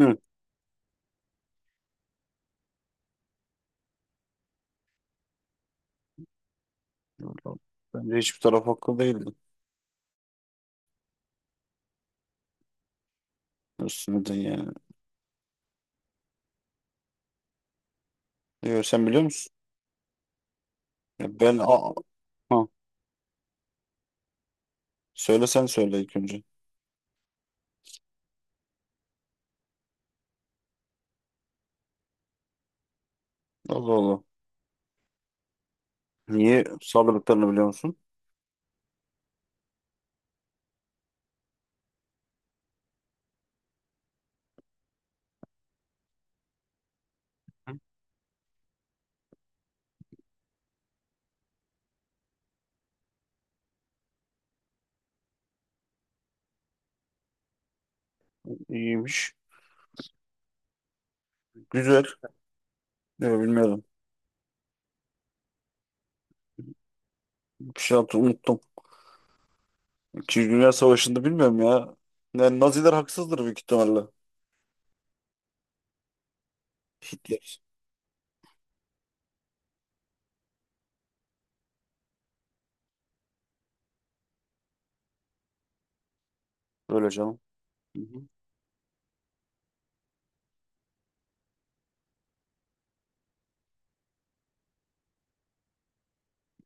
Evet. Vallahi, bence hiçbir taraf haklı değildi. Üstüne de yani. Yo, sen biliyor musun? Ya ben a ha. Sen söyle ilk önce. Allah Allah. Niye saldırdıklarını biliyor musun? İyiymiş. Güzel. Ne bilmiyorum. Bir şey yaptım unuttum. İkinci Dünya Savaşı'nda bilmiyorum ya. Yani Naziler haksızdır büyük ihtimalle. Hitler. Öyle canım. Hı hı.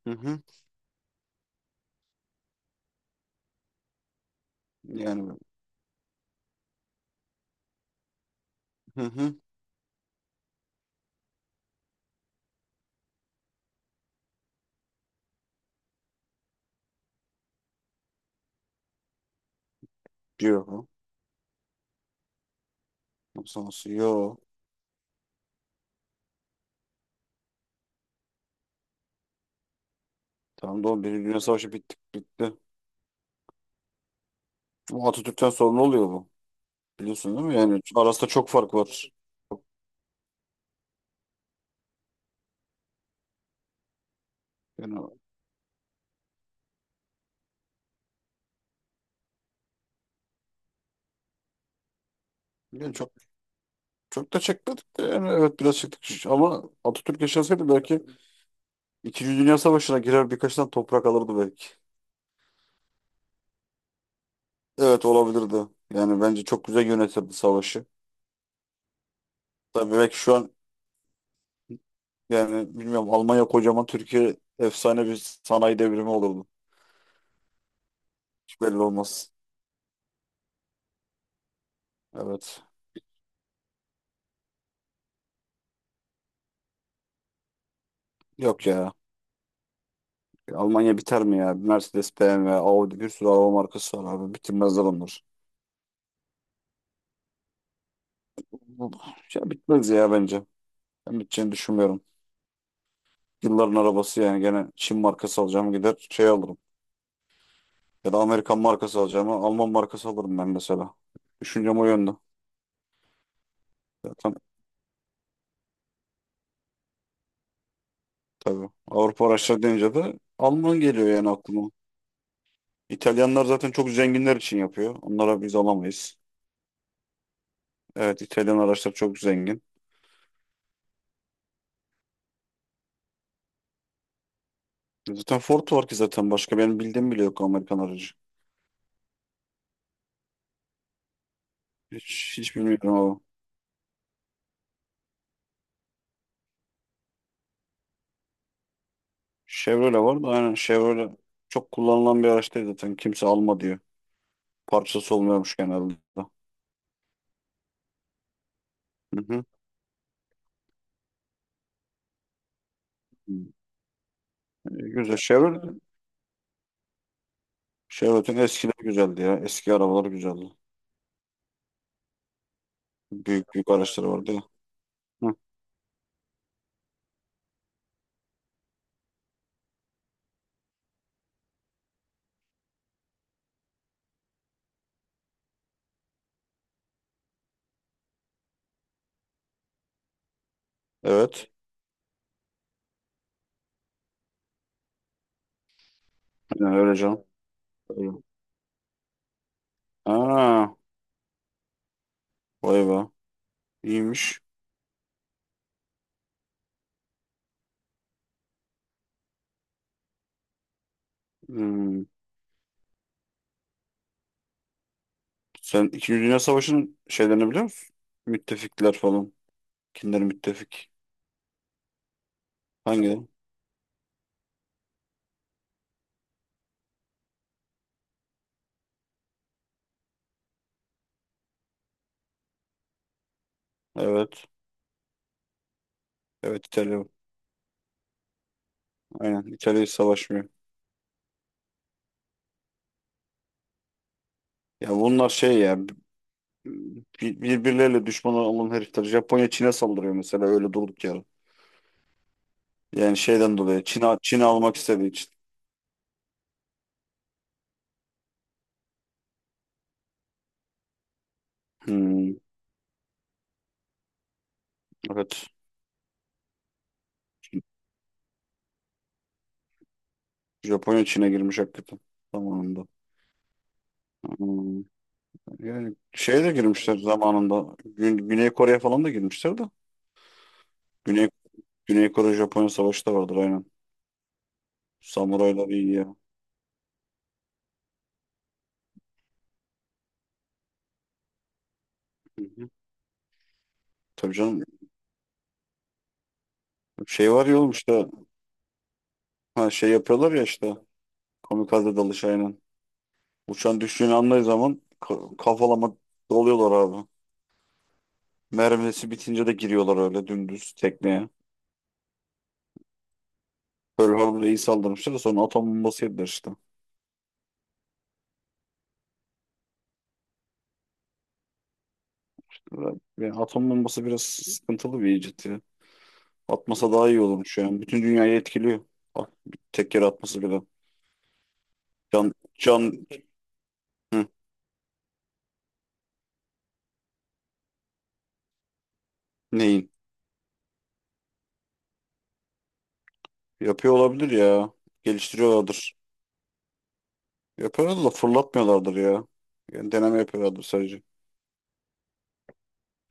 Hı hı. Yani hı hı. Diyor bu. Nasıl nasıl? Yo. Tamam da oğlum, Birinci Dünya Savaşı bitti. Bu Atatürk'ten sonra ne oluyor bu? Biliyorsun değil mi? Yani arasında çok fark var. Yani, yani çok çok da çekmedik de yani evet biraz çektik ama Atatürk yaşasaydı belki İkinci Dünya Savaşı'na girer birkaç tane toprak alırdı belki. Evet, olabilirdi. Yani bence çok güzel yönetirdi savaşı. Tabii belki şu an yani bilmiyorum, Almanya kocaman, Türkiye efsane bir sanayi devrimi olurdu. Hiç belli olmaz. Evet. Yok ya. Almanya biter mi ya? Mercedes, BMW, Audi, bir sürü araba markası var abi. Bitirmezler onlar. Bu- Ya bitmez ya bence. Ben biteceğini düşünmüyorum. Yılların arabası yani, gene Çin markası alacağım, gider şey alırım. Ya da Amerikan markası alacağım, Alman markası alırım ben mesela. Düşüncem o yönde. Zaten tabii, Avrupa araçları deyince de Alman geliyor yani aklıma. İtalyanlar zaten çok zenginler için yapıyor. Onlara biz alamayız. Evet, İtalyan araçlar çok zengin. Zaten Ford var ki, zaten başka benim bildiğim bile yok Amerikan aracı. Hiç, hiç bilmiyorum ama. Chevrolet var da, aynen Chevrolet çok kullanılan bir araç değil zaten. Kimse alma diyor. Parçası olmuyormuş genelde. Hı hı. Güzel. Chevrolet'in eskileri güzeldi ya. Eski arabalar güzeldi. Büyük büyük araçları vardı ya. Hı. Evet. Yani öyle canım. Öyle. Aa, vay be. İyiymiş. Hmm. Sen İkinci Dünya Savaşı'nın şeylerini biliyor musun? Müttefikler falan. Kimler müttefik? Hangileri? Evet. Evet, İtalya. Aynen. İtalya hiç savaşmıyor. Ya bunlar şey ya, birbirleriyle düşman olan herifler. Japonya Çin'e saldırıyor mesela öyle durduk yere. Yani şeyden dolayı Çin'e almak istediği için. Hmm, evet. Japonya Çin'e girmiş hakikaten zamanında. Hmm. Yani şeye de girmişler zamanında. Güney Kore'ye falan da girmişler de. Güney, Güney Kore Japonya savaşı da vardır aynen. Samuraylar iyi ya. Hı hı. Tabii canım, şey var ya oğlum, işte ha, şey yapıyorlar ya işte, kamikaze dalış aynen. Uçan düştüğünü anladığı zaman kafalama doluyorlar abi. Mermisi bitince de giriyorlar öyle dümdüz tekneye. Pearl Harbor'a iyi saldırmışlar. Sonra atom bombası yediler işte. Ve atom bombası biraz sıkıntılı bir icat ya. Atmasa daha iyi olurmuş yani. Bütün dünyayı etkiliyor. Bak, bir tek yere atması bile. Can, can Hı, neyin? Yapıyor olabilir ya. Geliştiriyorlardır. Yapıyorlar da fırlatmıyorlardır ya. Yani deneme yapıyorlardır sadece.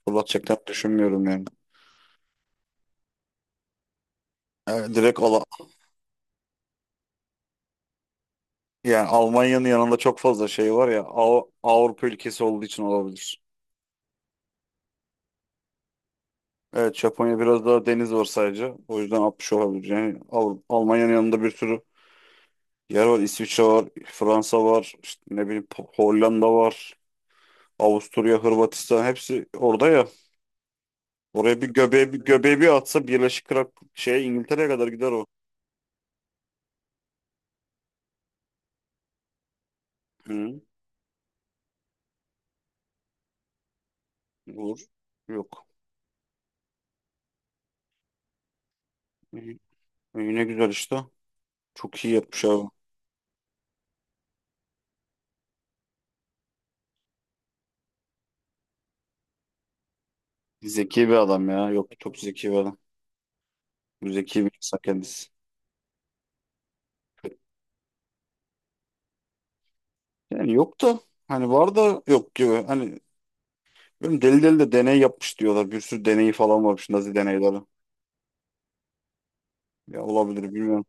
Fırlatacaklarını düşünmüyorum yani. Evet, yani Almanya'nın yanında çok fazla şey var ya, Avrupa ülkesi olduğu için olabilir. Evet, Japonya biraz daha deniz var sadece. O yüzden 60 olabilir. Yani Almanya'nın yanında bir sürü yer var. İsviçre var, Fransa var, işte ne bileyim, Hollanda var, Avusturya, Hırvatistan, hepsi orada ya. Oraya bir göbeği bir atsa, Birleşik şeye, İngiltere'ye kadar gider o. Hı, olur. Yok. İyi. İyi, ne güzel işte. Çok iyi yapmış abi. Zeki bir adam ya. Yok, çok zeki bir adam. Bu zeki bir insan kendisi. Yani yok da, hani var da yok gibi. Hani bilmiyorum, deli deli de deney yapmış diyorlar. Bir sürü deneyi falan varmış, Nazi deneyleri. Ya olabilir, bilmiyorum.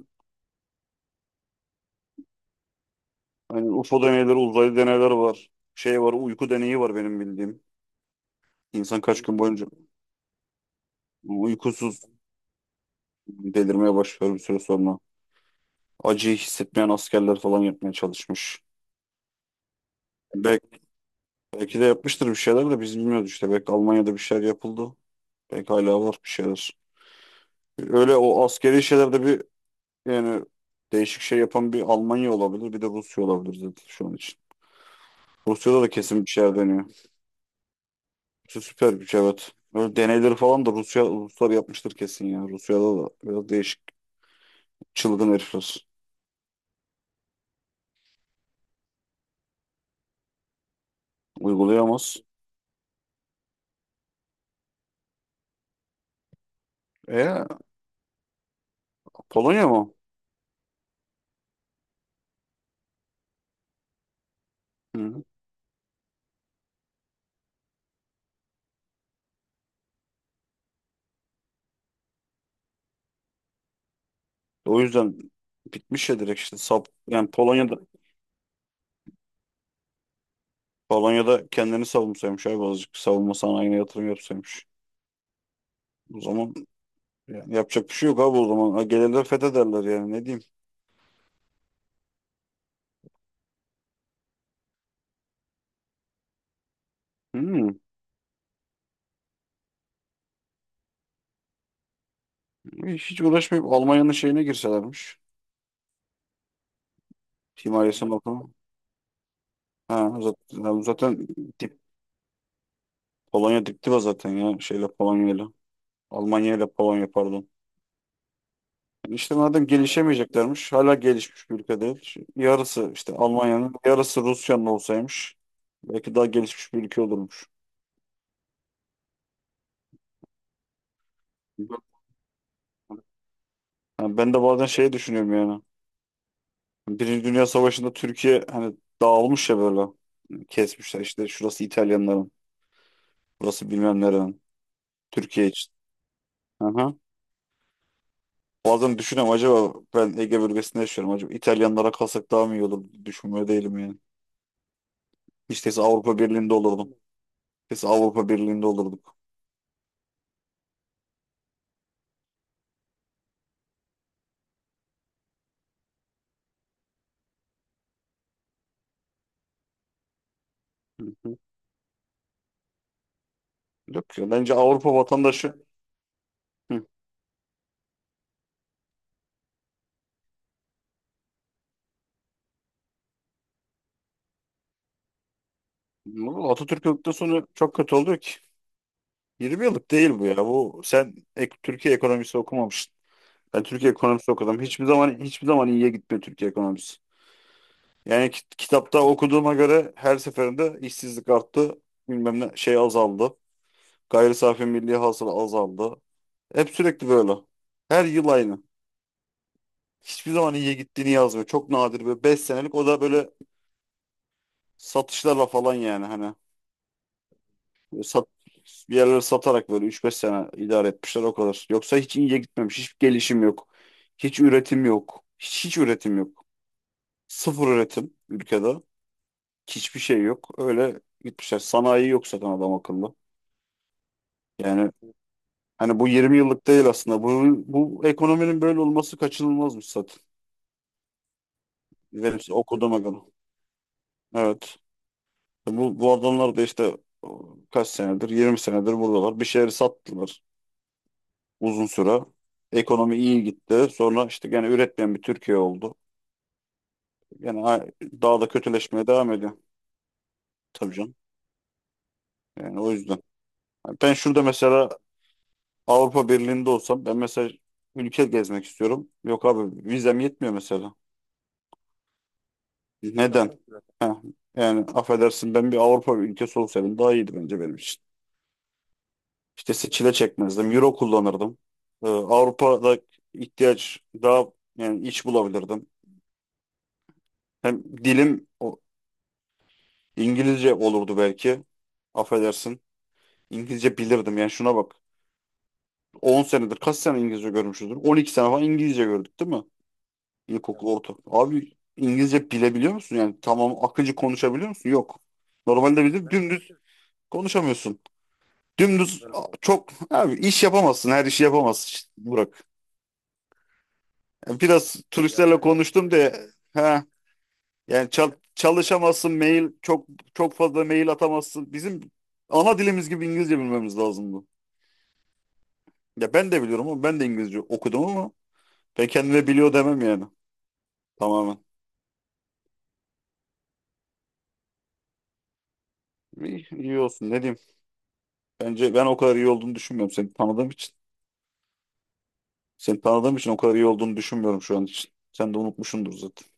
Aynen UFO deneyleri, uzaylı deneyler var. Şey var, uyku deneyi var benim bildiğim. İnsan kaç gün boyunca uykusuz delirmeye başlıyor bir süre sonra. Acıyı hissetmeyen askerler falan yapmaya çalışmış. Belki, belki de yapmıştır bir şeyler de biz bilmiyoruz işte. Belki Almanya'da bir şeyler yapıldı. Belki hala var bir şeyler. Öyle o askeri şeylerde bir yani değişik şey yapan bir Almanya olabilir, bir de Rusya olabilir zaten şu an için. Rusya'da da kesin bir şeyler dönüyor. Rusya süper güç, evet. Böyle deneyleri falan da Rusya, Ruslar yapmıştır kesin ya. Rusya'da da biraz değişik çılgın herifler. Uygulayamaz. E Polonya mı? Hı. O yüzden bitmiş ya direkt işte sap yani Polonya'da kendini savunsaymış abi, azıcık savunma sanayine yatırım yapsaymış. O zaman yani yapacak bir şey yok abi o zaman. Ha, gelirler fethederler yani, ne diyeyim. Hmm. Hiç uğraşmayıp Almanya'nın şeyine girselermiş. Himayesine bakalım. Ha, zaten Polonya diptiva zaten ya, şeyle Polonya'yla. Almanya ile Polonya pardon. Yani işte madem gelişemeyeceklermiş, hala gelişmiş bir ülke değil. Şu yarısı işte Almanya'nın, yarısı Rusya'nın olsaymış. Belki daha gelişmiş bir ülke olurmuş. Yani ben de bazen şey düşünüyorum yani. Birinci Dünya Savaşı'nda Türkiye hani dağılmış ya böyle. Kesmişler işte, şurası İtalyanların, burası bilmem nerenin. Türkiye için. Aha. Bazen düşünüyorum, acaba ben Ege bölgesinde yaşıyorum, acaba İtalyanlara kalsak daha mı iyi olur? Düşünmüyor değilim yani. İşte Avrupa Birliği'nde olurdum. Biz Avrupa Birliği'nde olurduk. Hı hı. Yok ya, bence Avrupa vatandaşı. Hı. Bu Atatürk öldükten çok kötü oluyor ki. 20 yıllık değil bu ya. Bu sen Türkiye ekonomisi okumamışsın. Ben Türkiye ekonomisi okudum. Hiçbir zaman, hiçbir zaman iyiye gitmiyor Türkiye ekonomisi. Yani kitapta okuduğuma göre her seferinde işsizlik arttı. Bilmem ne şey azaldı. Gayri safi milli hasıla azaldı. Hep sürekli böyle. Her yıl aynı. Hiçbir zaman iyiye gittiğini yazmıyor. Çok nadir böyle 5 senelik, o da böyle satışlarla falan yani hani sat, bir yerlere satarak böyle üç beş sene idare etmişler, o kadar. Yoksa hiç iyiye gitmemiş. Hiç gelişim yok. Hiç üretim yok. Hiç, hiç üretim yok. Sıfır üretim ülkede. Hiçbir şey yok. Öyle gitmişler. Sanayi yok zaten adam akıllı. Yani hani bu 20 yıllık değil aslında. Bu ekonominin böyle olması kaçınılmazmış zaten. Benim okuduğuma göre. Evet. Bu adamlar da işte o, kaç senedir? 20 senedir buradalar. Bir şeyleri sattılar uzun süre. Ekonomi iyi gitti. Sonra işte gene üretmeyen bir Türkiye oldu. Yani a- daha da kötüleşmeye devam ediyor. Tabii canım. Yani o yüzden. Yani ben şurada mesela Avrupa Birliği'nde olsam ben mesela ülke gezmek istiyorum. Yok abi, vizem yetmiyor mesela. Neden? Heh, yani affedersin ben bir Avrupa ülkesi olsaydım daha iyiydi bence benim için. İşte çile çekmezdim. Euro kullanırdım. Avrupa'da ihtiyaç daha yani iç bulabilirdim. Hem dilim İngilizce olurdu belki. Affedersin. İngilizce bilirdim. Yani şuna bak. 10 senedir kaç sene İngilizce görmüşüzdür? 12 sene falan İngilizce gördük değil mi? İlkokul, orta. Abi İngilizce bilebiliyor musun? Yani tamam, akıcı konuşabiliyor musun? Yok. Normalde bir de dümdüz konuşamıyorsun. Dümdüz a, çok abi iş yapamazsın. Her işi yapamazsın. İşte, Burak. Yani biraz turistlerle konuştum diye ha, yani çalışamazsın, mail çok, çok fazla mail atamazsın. Bizim ana dilimiz gibi İngilizce bilmemiz lazım. Ya ben de biliyorum, ama ben de İngilizce okudum ama ben kendime biliyor demem yani tamamen. İyi, iyi olsun, ne diyeyim. Bence ben o kadar iyi olduğunu düşünmüyorum seni tanıdığım için. Seni tanıdığım için o kadar iyi olduğunu düşünmüyorum şu an için. Sen de unutmuşsundur zaten.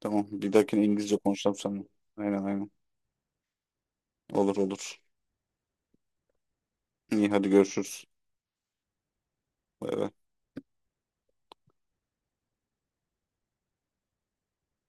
Tamam, bir dahakine İngilizce konuşalım seninle. Aynen, aynen. Olur, olur. İyi, hadi görüşürüz. Bay bay.